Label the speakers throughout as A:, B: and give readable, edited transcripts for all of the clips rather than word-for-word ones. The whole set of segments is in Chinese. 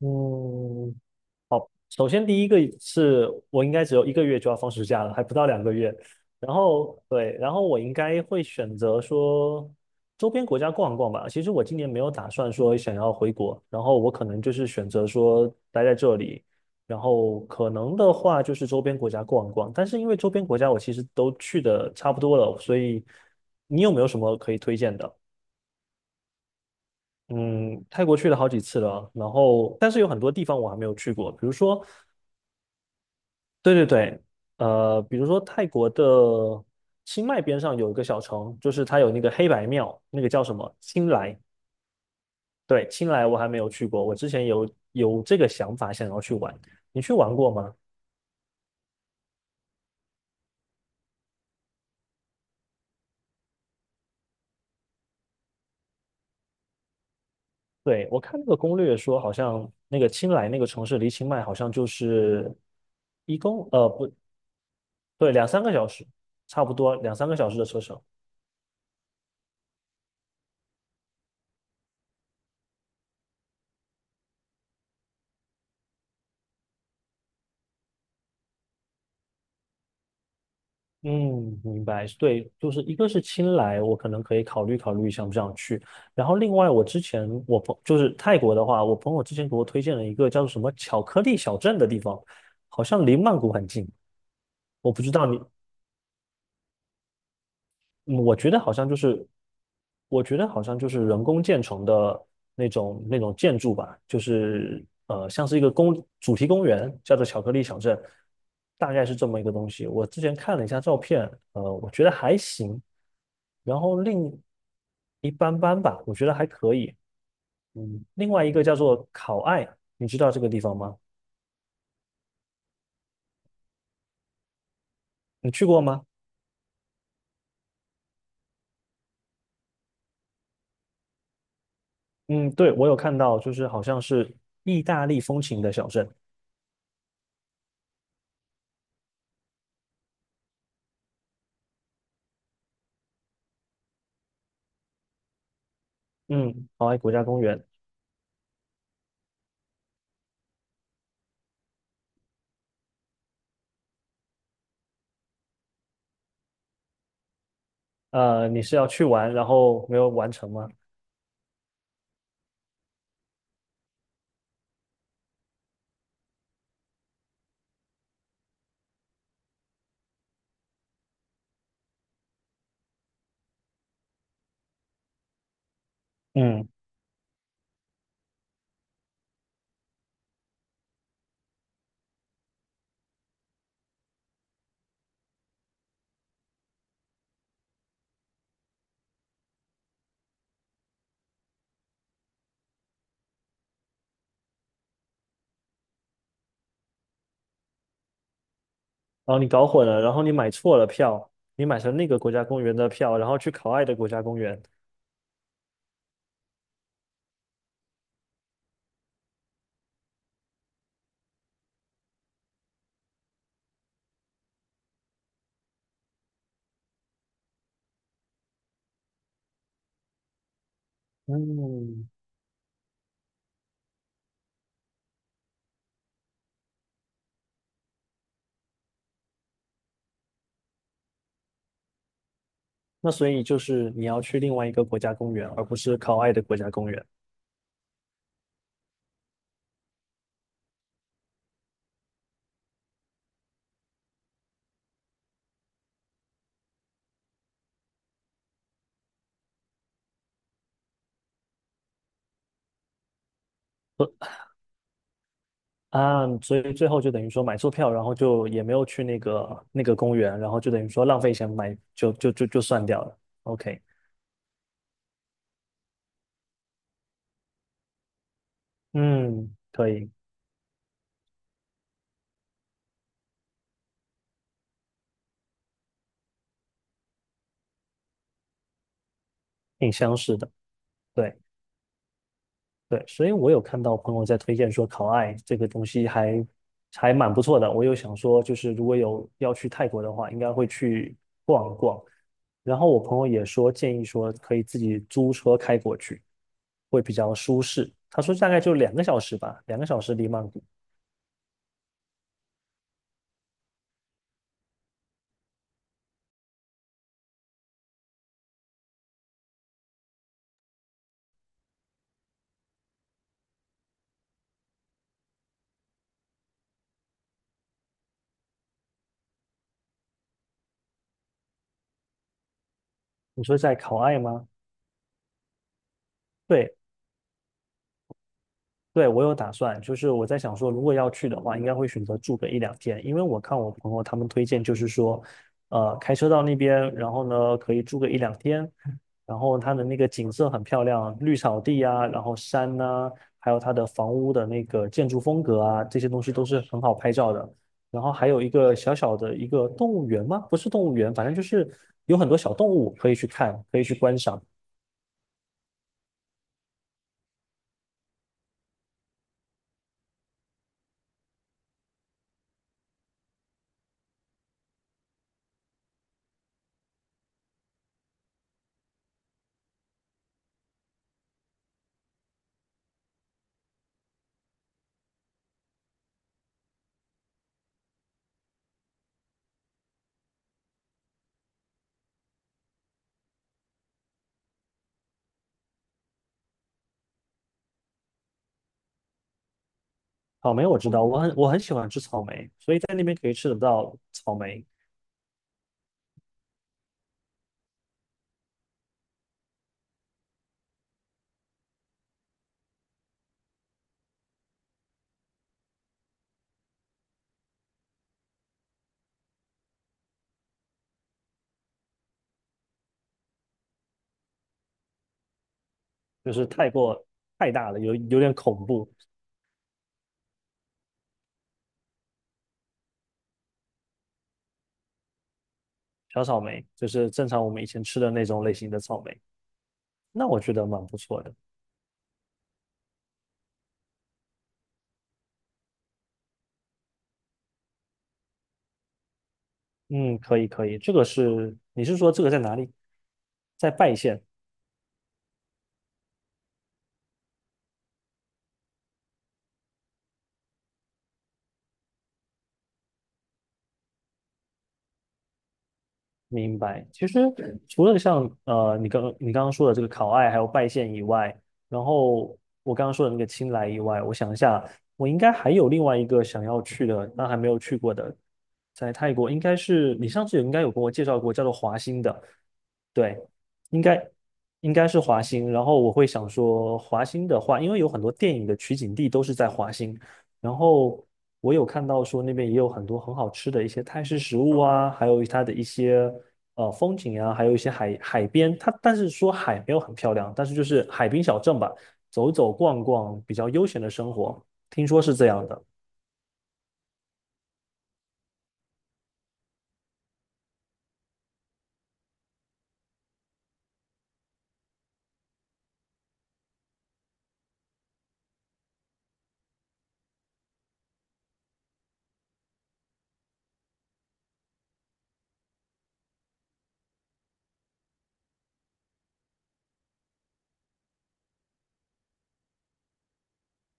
A: 嗯，首先第一个是我应该只有一个月就要放暑假了，还不到两个月。然后对，然后我应该会选择说周边国家逛一逛吧。其实我今年没有打算说想要回国，然后我可能就是选择说待在这里，然后可能的话就是周边国家逛一逛。但是因为周边国家我其实都去的差不多了，所以你有没有什么可以推荐的？嗯，泰国去了好几次了，然后但是有很多地方我还没有去过，比如说。对对对，比如说泰国的清迈边上有一个小城，就是它有那个黑白庙，那个叫什么清莱。对，清莱我还没有去过，我之前有这个想法想要去玩，你去玩过吗？对，我看那个攻略说，好像那个清莱那个城市离清迈好像就是一公呃不对两三个小时，差不多两三个小时的车程。嗯，明白。对，就是一个是青莱，我可能可以考虑考虑想不想去。然后另外，我之前我朋就是泰国的话，我朋友之前给我推荐了一个叫做什么巧克力小镇的地方，好像离曼谷很近。我不知道你，嗯我觉得好像就是，我觉得好像就是人工建成的那种建筑吧，像是一个公主题公园，叫做巧克力小镇，大概是这么一个东西。我之前看了一下照片，我觉得还行，然后另一般般吧，我觉得还可以。嗯，另外一个叫做考爱，你知道这个地方吗？你去过吗？嗯，对，我有看到，就是好像是意大利风情的小镇。嗯，考爱国家公园。你是要去玩，然后没有完成吗？嗯，然后你搞混了，然后你买错了票，你买成那个国家公园的票，然后去考爱的国家公园，嗯，那所以就是你要去另外一个国家公园，而不是考爱的国家公园。呃所以最后就等于说买错票，然后就也没有去那个那个公园，然后就等于说浪费钱买，就算掉了。OK，嗯，可以，挺相似的。对。对，所以我有看到朋友在推荐说烤艾这个东西还还蛮不错的，我又想说就是如果有要去泰国的话，应该会去逛一逛。然后我朋友也说建议说可以自己租车开过去，会比较舒适。他说大概就两个小时吧，两个小时离曼谷。你说在考艾吗？对，对，我有打算，就是我在想说，如果要去的话，应该会选择住个一两天，因为我看我朋友他们推荐，就是说，开车到那边，然后呢，可以住个一两天，然后它的那个景色很漂亮，绿草地啊，然后山呐、还有它的房屋的那个建筑风格啊，这些东西都是很好拍照的。然后还有一个小小的一个动物园吗？不是动物园，反正就是有很多小动物可以去看，可以去观赏。草莓我知道，我很喜欢吃草莓，所以在那边可以吃得到草莓，就是太过太大了，有点恐怖。小草莓就是正常我们以前吃的那种类型的草莓，那我觉得蛮不错的。嗯，可以可以，这个是你是说这个在哪里？在拜县明白。其实除了像你刚刚刚说的这个考爱还有拜县以外，然后我刚刚说的那个青莱以外，我想一下，我应该还有另外一个想要去的，但还没有去过的，在泰国应该是你上次也应该有跟我介绍过，叫做华欣的。对，应该应该是华欣。然后我会想说，华欣的话，因为有很多电影的取景地都是在华欣。然后我有看到说那边也有很多很好吃的一些泰式食物啊，还有它的一些风景啊，还有一些海边。它但是说海没有很漂亮，但是就是海滨小镇吧，走走逛逛，比较悠闲的生活，听说是这样的。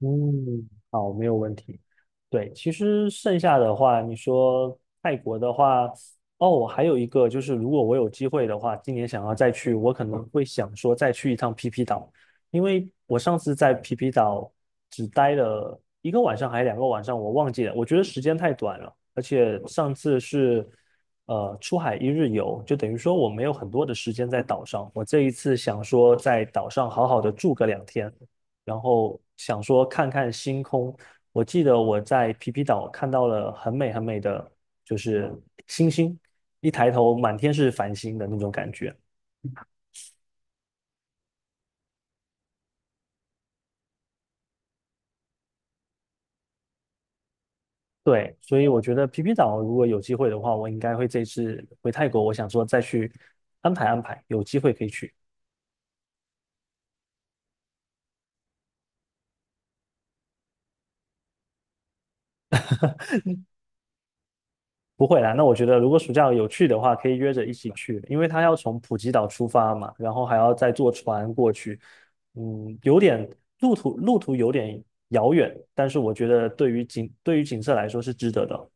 A: 嗯，好，没有问题。对，其实剩下的话，你说泰国的话，哦，我还有一个就是，如果我有机会的话，今年想要再去，我可能会想说再去一趟皮皮岛，因为我上次在皮皮岛只待了一个晚上还是两个晚上，我忘记了，我觉得时间太短了，而且上次是出海一日游，就等于说我没有很多的时间在岛上，我这一次想说在岛上好好的住个两天。然后想说看看星空。我记得我在皮皮岛看到了很美很美的，就是星星，一抬头满天是繁星的那种感觉。对，所以我觉得皮皮岛如果有机会的话，我应该会这次回泰国，我想说再去安排安排，有机会可以去。不会啦，那我觉得如果暑假有去的话，可以约着一起去，因为他要从普吉岛出发嘛，然后还要再坐船过去，嗯，有点路途有点遥远，但是我觉得对于景对于景色来说是值得的，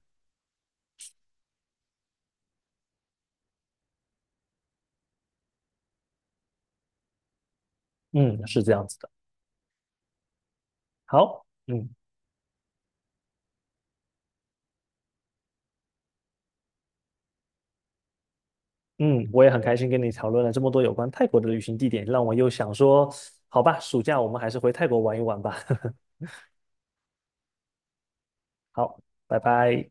A: 嗯，是这样子的。好，嗯嗯，我也很开心跟你讨论了这么多有关泰国的旅行地点，让我又想说，好吧，暑假我们还是回泰国玩一玩吧。好，拜拜。